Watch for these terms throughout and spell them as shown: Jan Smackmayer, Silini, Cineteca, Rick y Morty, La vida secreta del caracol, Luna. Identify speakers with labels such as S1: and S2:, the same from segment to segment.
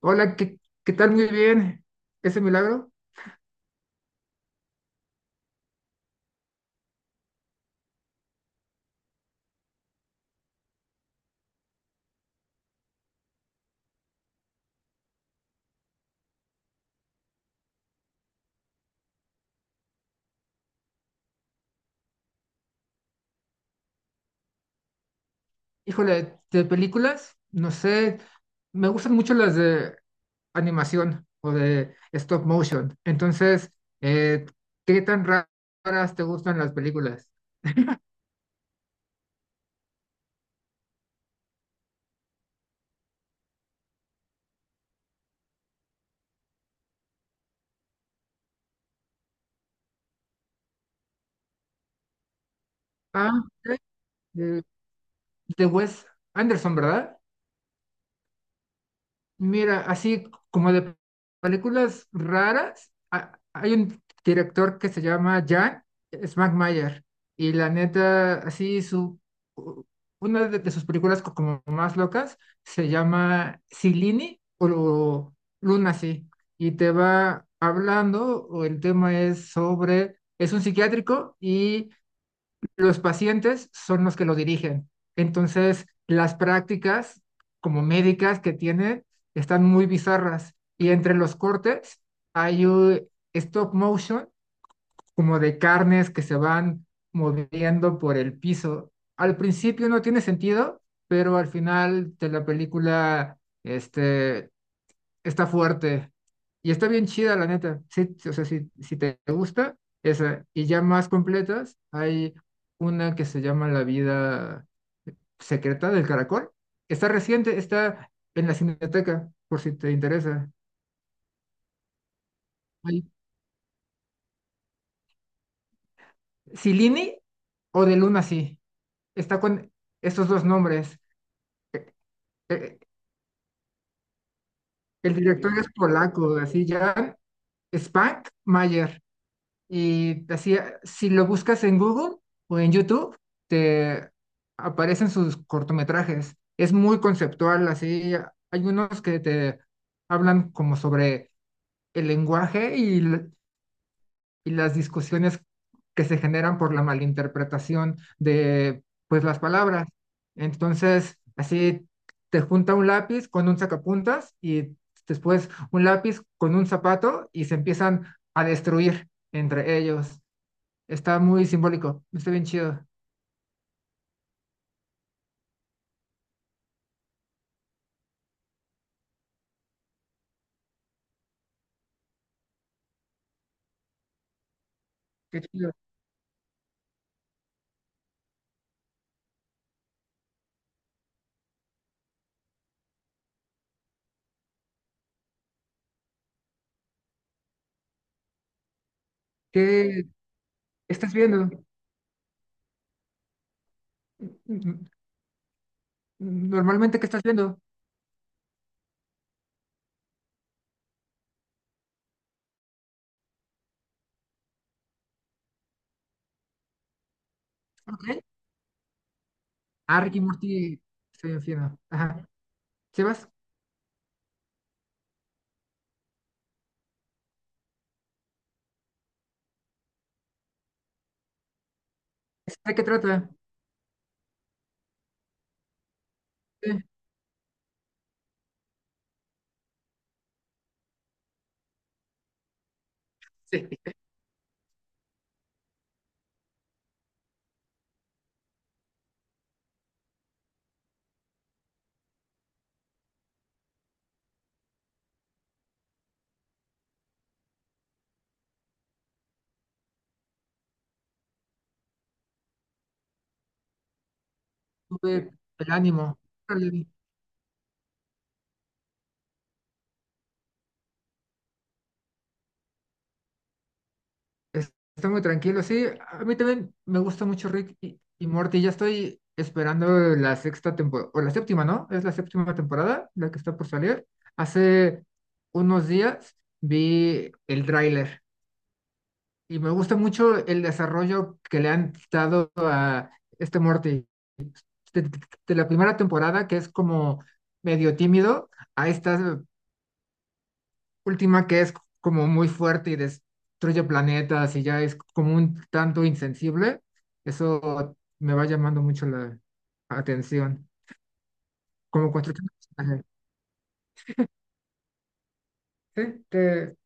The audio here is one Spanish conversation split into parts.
S1: Hola, ¿qué tal? Muy bien. ¿Ese milagro? Híjole, de películas, no sé, me gustan mucho las de animación o de stop motion. Entonces, eh, ¿qué tan ra- raras te gustan las películas? Ah, ok, de, de Wes Anderson, ¿verdad? Mira, así como de películas raras, hay un director que se llama Jan Smackmayer y la neta, u- una de sus películas como más locas se llama Luna, sí, y te va hablando, o el tema es sobre, es un psiquiátrico y los pacientes son los que lo dirigen. Entonces, las prácticas como médicas que tienen están muy bizarras. Y entre los cortes hay un stop motion como de carnes que se van moviendo por el piso. Al principio no tiene sentido, pero al final de la película este, está fuerte y está bien chida, la neta. Sí, sí, o sea, si te gusta, esa. Y ya más completas, hay una que se llama La vida secreta del caracol. Está reciente, está en la Cineteca, por si te interesa. Hay Silini o de Luna, sí. Está con estos dos nombres. Eh, eh, El director es polaco, así, Jan Spank Mayer. Y así, si lo buscas en Google o en YouTube, te aparecen sus cortometrajes. Es muy conceptual, así. Hay unos que te hablan como sobre el lenguaje y las discusiones que se generan por la malinterpretación de, pues, las palabras. Entonces, así te junta un lápiz con un sacapuntas y después un lápiz con un zapato y se empiezan a destruir entre ellos. Está muy simbólico, está bien chido. Qué chido. ¿Qué estás viendo? N- Normalmente, ¿qué estás viendo? Ok. Ah, Rick y Morty, está bien fino. Ajá. ¿Sebas? ¿De qué trata? Sí. Sí. Tuve el ánimo. Órale. Es- Está muy tranquilo, sí. A mí también me gusta mucho Rick y Morty. Ya estoy esperando la sexta temporada, o la séptima, ¿no? Es la séptima temporada, la que está por salir. Hace unos días vi el tráiler. Y me gusta mucho el desarrollo que le han dado a este Morty. De, de la primera temporada, que es como medio tímido, a esta última que es como muy fuerte y destruye planetas y ya es como un tanto insensible. Eso me va llamando mucho la atención. Como construcción de personaje. Sí,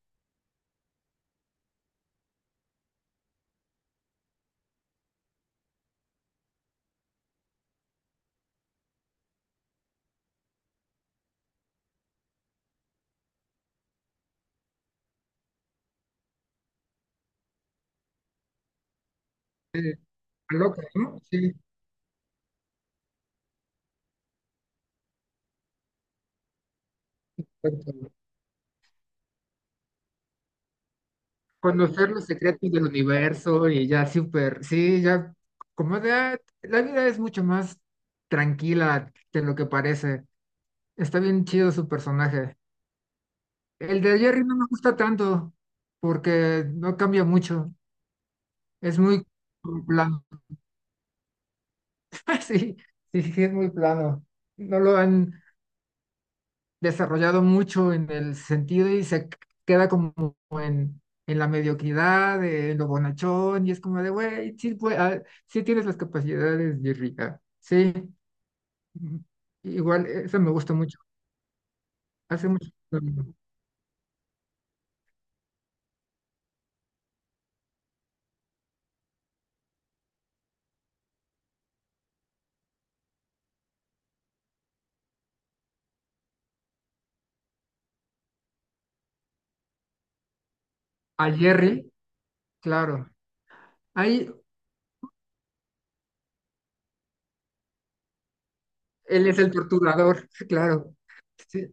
S1: te aloca, ¿no? Sí, exacto. Conocer los secretos del universo y ya súper, sí, ya como de, ah, la vida es mucho más tranquila de lo que parece. Está bien chido su personaje. El de Jerry no me gusta tanto porque no cambia mucho. Es muy plano. Sí, sí, sí, es muy plano. No lo han desarrollado mucho en el sentido y se queda como en, en la mediocridad, en lo bonachón, y es como de, güey, sí, ah, sí tienes las capacidades, Jerry, ah, sí. Igual, eso me gusta mucho. Hace mucho tiempo. A Jerry, claro. Ahí, él es el torturador, claro. Sí.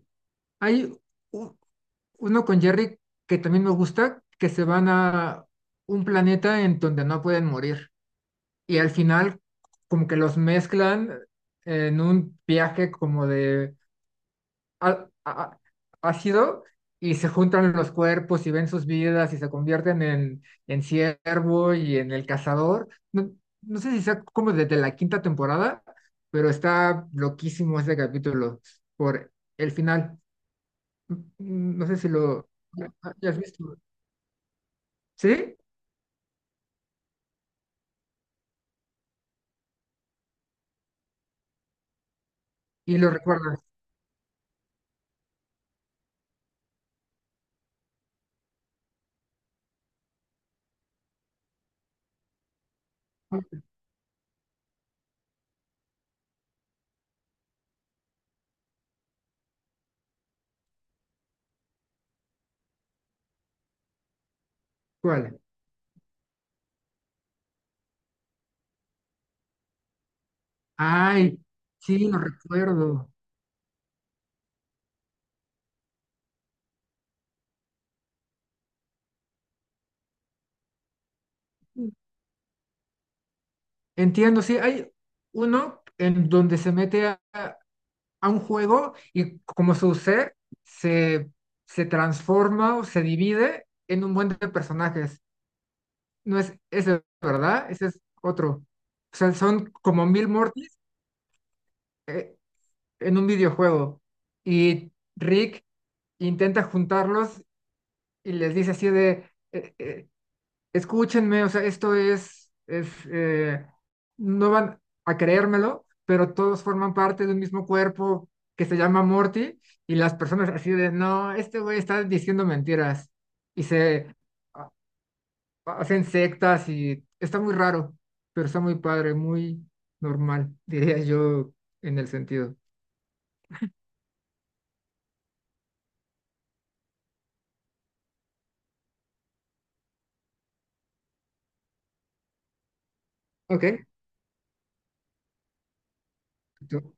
S1: Hay u- uno con Jerry que también me gusta, que se van a un planeta en donde no pueden morir. Y al final como que los mezclan en un viaje como de á- á- ácido y se juntan los cuerpos y ven sus vidas y se convierten en ciervo y en el cazador. No, no sé si sea como desde la quinta temporada, pero está loquísimo ese capítulo por el final. Mm, no sé si lo hayas visto. ¿Sí? Y lo recuerdas. ¿Cuál? Ay, sí, lo recuerdo. Entiendo, sí, hay uno en donde se mete a un juego y como su ser se, se transforma o se divide en un buen de personajes. No es ese, ¿verdad? Ese es otro. O sea, son como mil Mortis eh, en un videojuego. Y Rick intenta juntarlos y les dice así de, escúchenme, o sea, esto es no van a creérmelo, pero todos forman parte de un mismo cuerpo que se llama Morty y las personas así de, no, este güey está diciendo mentiras y a- hacen sectas y está muy raro, pero está muy padre, muy normal, diría yo en el sentido. Ok. Tú-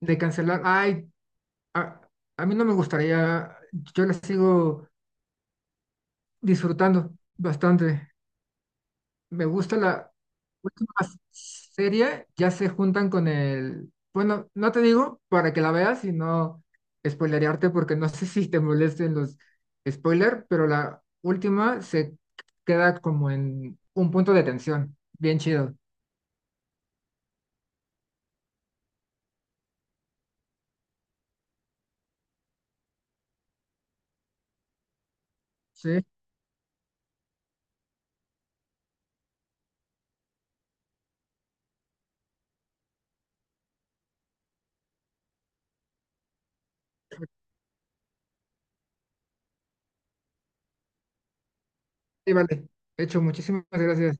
S1: De cancelar, ay, a, a mí no me gustaría, yo la sigo disfrutando bastante. Me gusta la última serie, ya se juntan con el... Bueno, no te digo para que la veas, sino spoilerearte, porque no sé si te molesten los spoilers, pero la última se queda como en un punto de tensión. Bien chido. Sí, sí, vale. Hecho, muchísimas gracias.